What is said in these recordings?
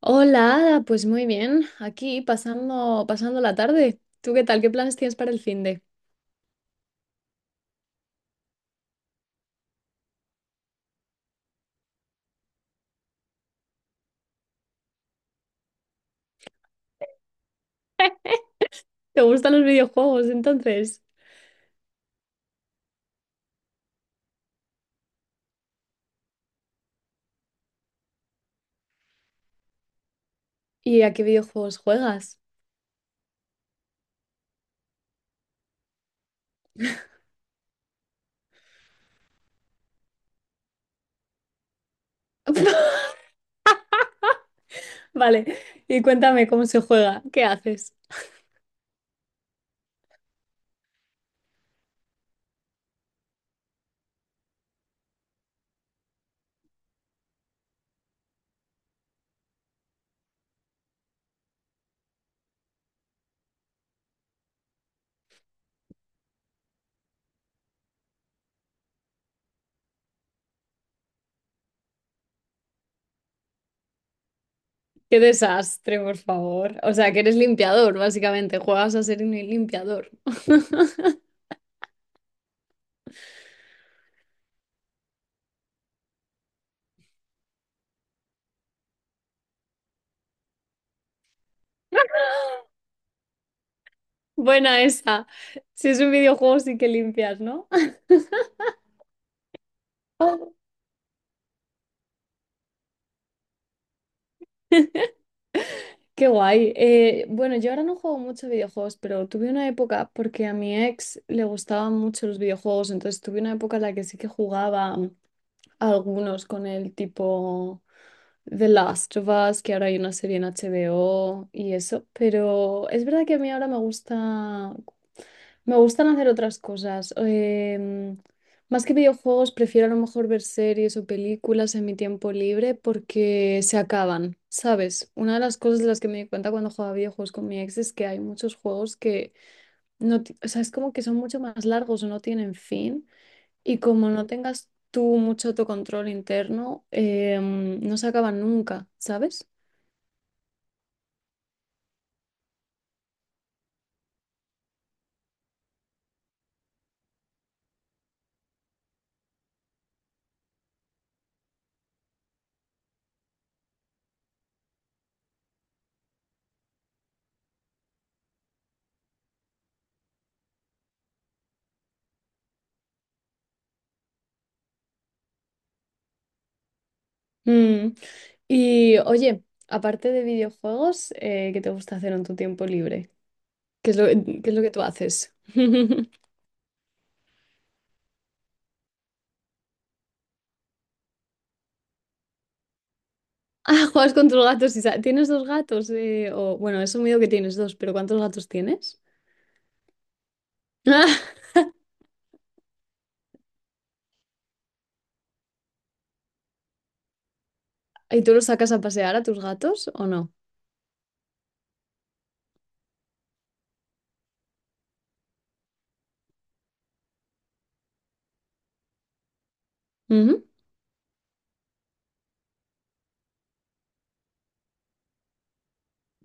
Hola, Ada, pues muy bien, aquí pasando la tarde. ¿Tú qué tal? ¿Qué planes tienes para el fin de? ¿Te gustan los videojuegos entonces? ¿Y a qué videojuegos juegas? Vale, y cuéntame cómo se juega, ¿qué haces? Qué desastre, por favor. O sea, que eres limpiador, básicamente, juegas a ser un limpiador. Buena esa. Si es un videojuego, sí que limpias, ¿no? Qué guay. Bueno, yo ahora no juego mucho a videojuegos, pero tuve una época porque a mi ex le gustaban mucho los videojuegos, entonces tuve una época en la que sí que jugaba algunos con el tipo. The Last of Us, que ahora hay una serie en HBO y eso, pero es verdad que a mí ahora me gusta, me gustan hacer otras cosas. Más que videojuegos, prefiero a lo mejor ver series o películas en mi tiempo libre porque se acaban, ¿sabes? Una de las cosas de las que me di cuenta cuando jugaba videojuegos con mi ex es que hay muchos juegos que no, ti- o sea, es como que son mucho más largos o no tienen fin. Y como no tengas tú mucho autocontrol interno, no se acaban nunca, ¿sabes? Mm. Y oye, aparte de videojuegos, ¿qué te gusta hacer en tu tiempo libre? ¿Qué es lo que tú haces? Ah, juegas con tus gatos. ¿Tienes dos gatos? Bueno, he asumido que tienes dos, pero ¿cuántos gatos tienes? ¿Y tú los sacas a pasear a tus gatos o no? Ujú.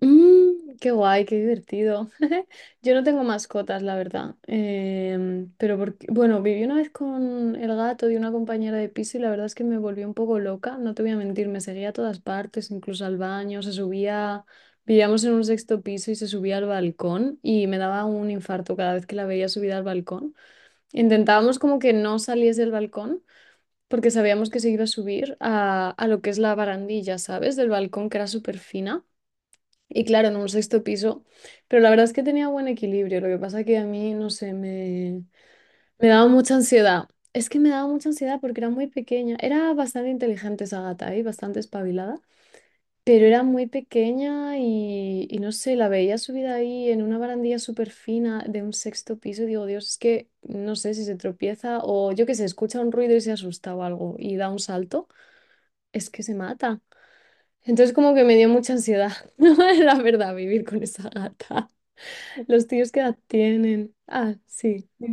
Mm, qué guay, qué divertido. Yo no tengo mascotas, la verdad. Pero porque, bueno, viví una vez con el gato de una compañera de piso y la verdad es que me volvió un poco loca, no te voy a mentir, me seguía a todas partes, incluso al baño, se subía, vivíamos en un sexto piso y se subía al balcón y me daba un infarto cada vez que la veía subida al balcón. Intentábamos como que no saliese del balcón, porque sabíamos que se iba a subir a lo que es la barandilla, ¿sabes? Del balcón, que era súper fina. Y claro, en un sexto piso, pero la verdad es que tenía buen equilibrio, lo que pasa que a mí, no sé, me daba mucha ansiedad. Es que me daba mucha ansiedad porque era muy pequeña, era bastante inteligente esa gata, ¿eh? Bastante espabilada, pero era muy pequeña y no sé, la veía subida ahí en una barandilla súper fina de un sexto piso y digo, Dios, es que no sé si se tropieza o yo que sé, escucha un ruido y se asusta o algo y da un salto, es que se mata. Entonces como que me dio mucha ansiedad, la verdad, vivir con esa gata. ¿Los tíos qué edad tienen? Ah, sí. Sí.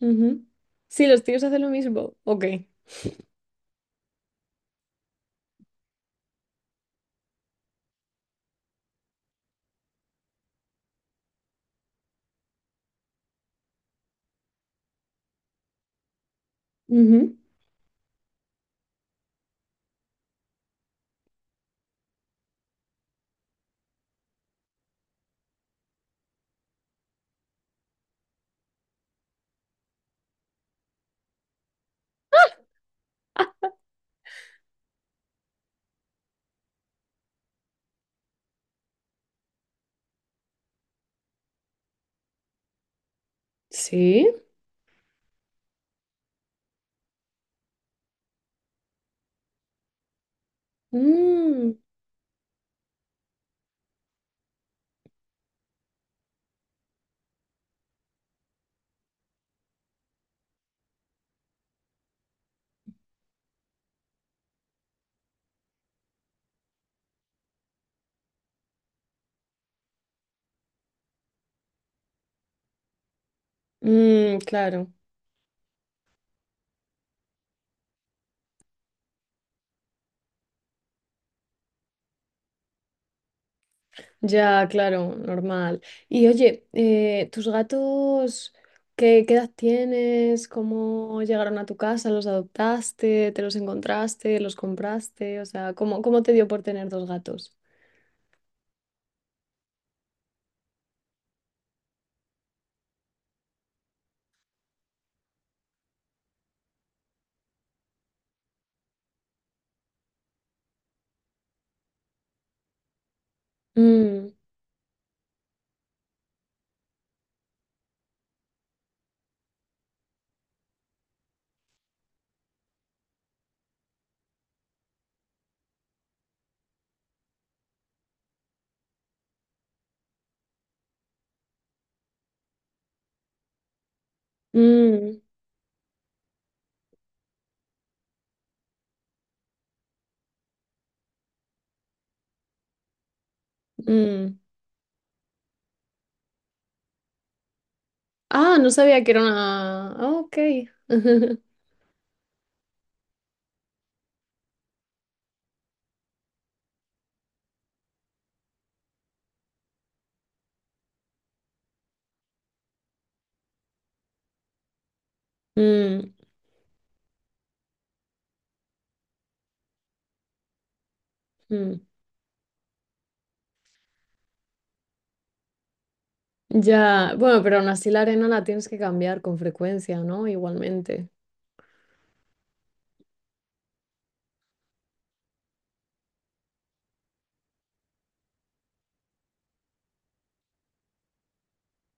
Ujú. Sí, los tíos hacen lo mismo. Ok. Ujú. Sí. Mm, mm, claro. Ya, claro, normal. Y oye, ¿tus gatos qué edad tienes? ¿Cómo llegaron a tu casa? ¿Los adoptaste? ¿Te los encontraste? ¿Los compraste? O sea, ¿cómo te dio por tener dos gatos? Mm, mm, mm. Ah, no sabía que era una... Ah, ok. Mm, mm. Ya, bueno, pero aún así la arena la tienes que cambiar con frecuencia, ¿no? Igualmente.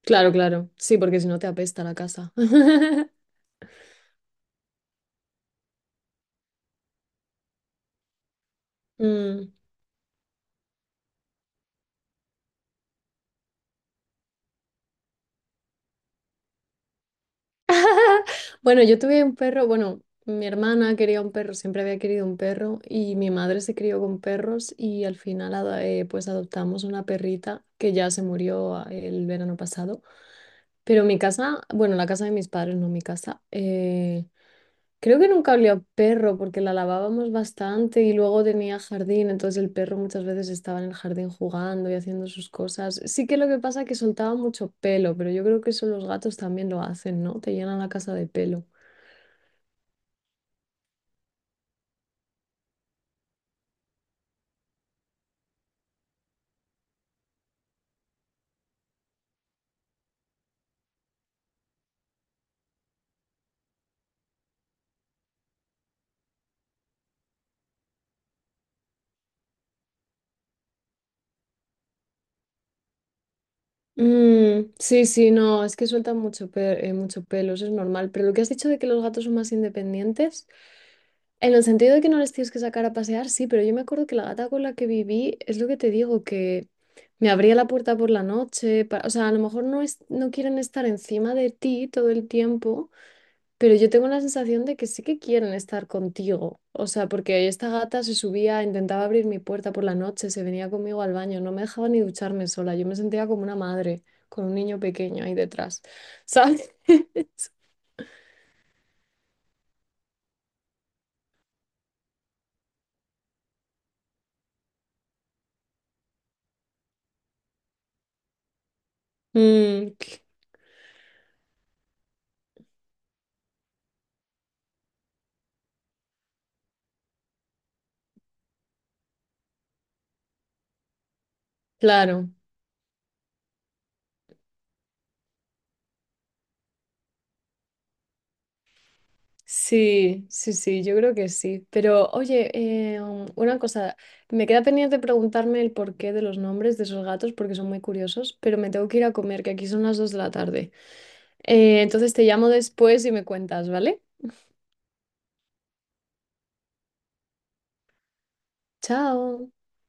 Claro, claro. Sí, porque si no te apesta la casa. Mm. Bueno, yo tuve un perro, bueno, mi hermana quería un perro, siempre había querido un perro y mi madre se crió con perros y al final pues adoptamos una perrita que ya se murió ah, el verano pasado. Pero mi casa, bueno, la casa de mis padres, no mi casa. Creo que nunca olía a perro porque la lavábamos bastante y luego tenía jardín, entonces el perro muchas veces estaba en el jardín jugando y haciendo sus cosas. Sí que lo que pasa es que soltaba mucho pelo, pero yo creo que eso los gatos también lo hacen, ¿no? Te llenan la casa de pelo. Mm, sí, sí, no, es que sueltan mucho, mucho pelo, eso es normal. Pero lo que has dicho de que los gatos son más independientes, en el sentido de que no les tienes que sacar a pasear, sí, pero yo me acuerdo que la gata con la que viví, es lo que te digo, que me abría la puerta por la noche, o sea, a lo mejor no, no quieren estar encima de ti todo el tiempo, pero yo tengo la sensación de que sí que quieren estar contigo. O sea, porque esta gata se subía, intentaba abrir mi puerta por la noche, se venía conmigo al baño, no me dejaba ni ducharme sola. Yo me sentía como una madre con un niño pequeño ahí detrás. ¿Sabes? Mm, c- claro. Sí, sí, sí, yo creo que sí. Pero oye, una cosa, me queda pendiente preguntarme el porqué de los nombres de esos gatos porque son muy curiosos, pero me tengo que ir a comer, que aquí son las dos de la tarde. Entonces te llamo después y me cuentas, ¿vale? Chao.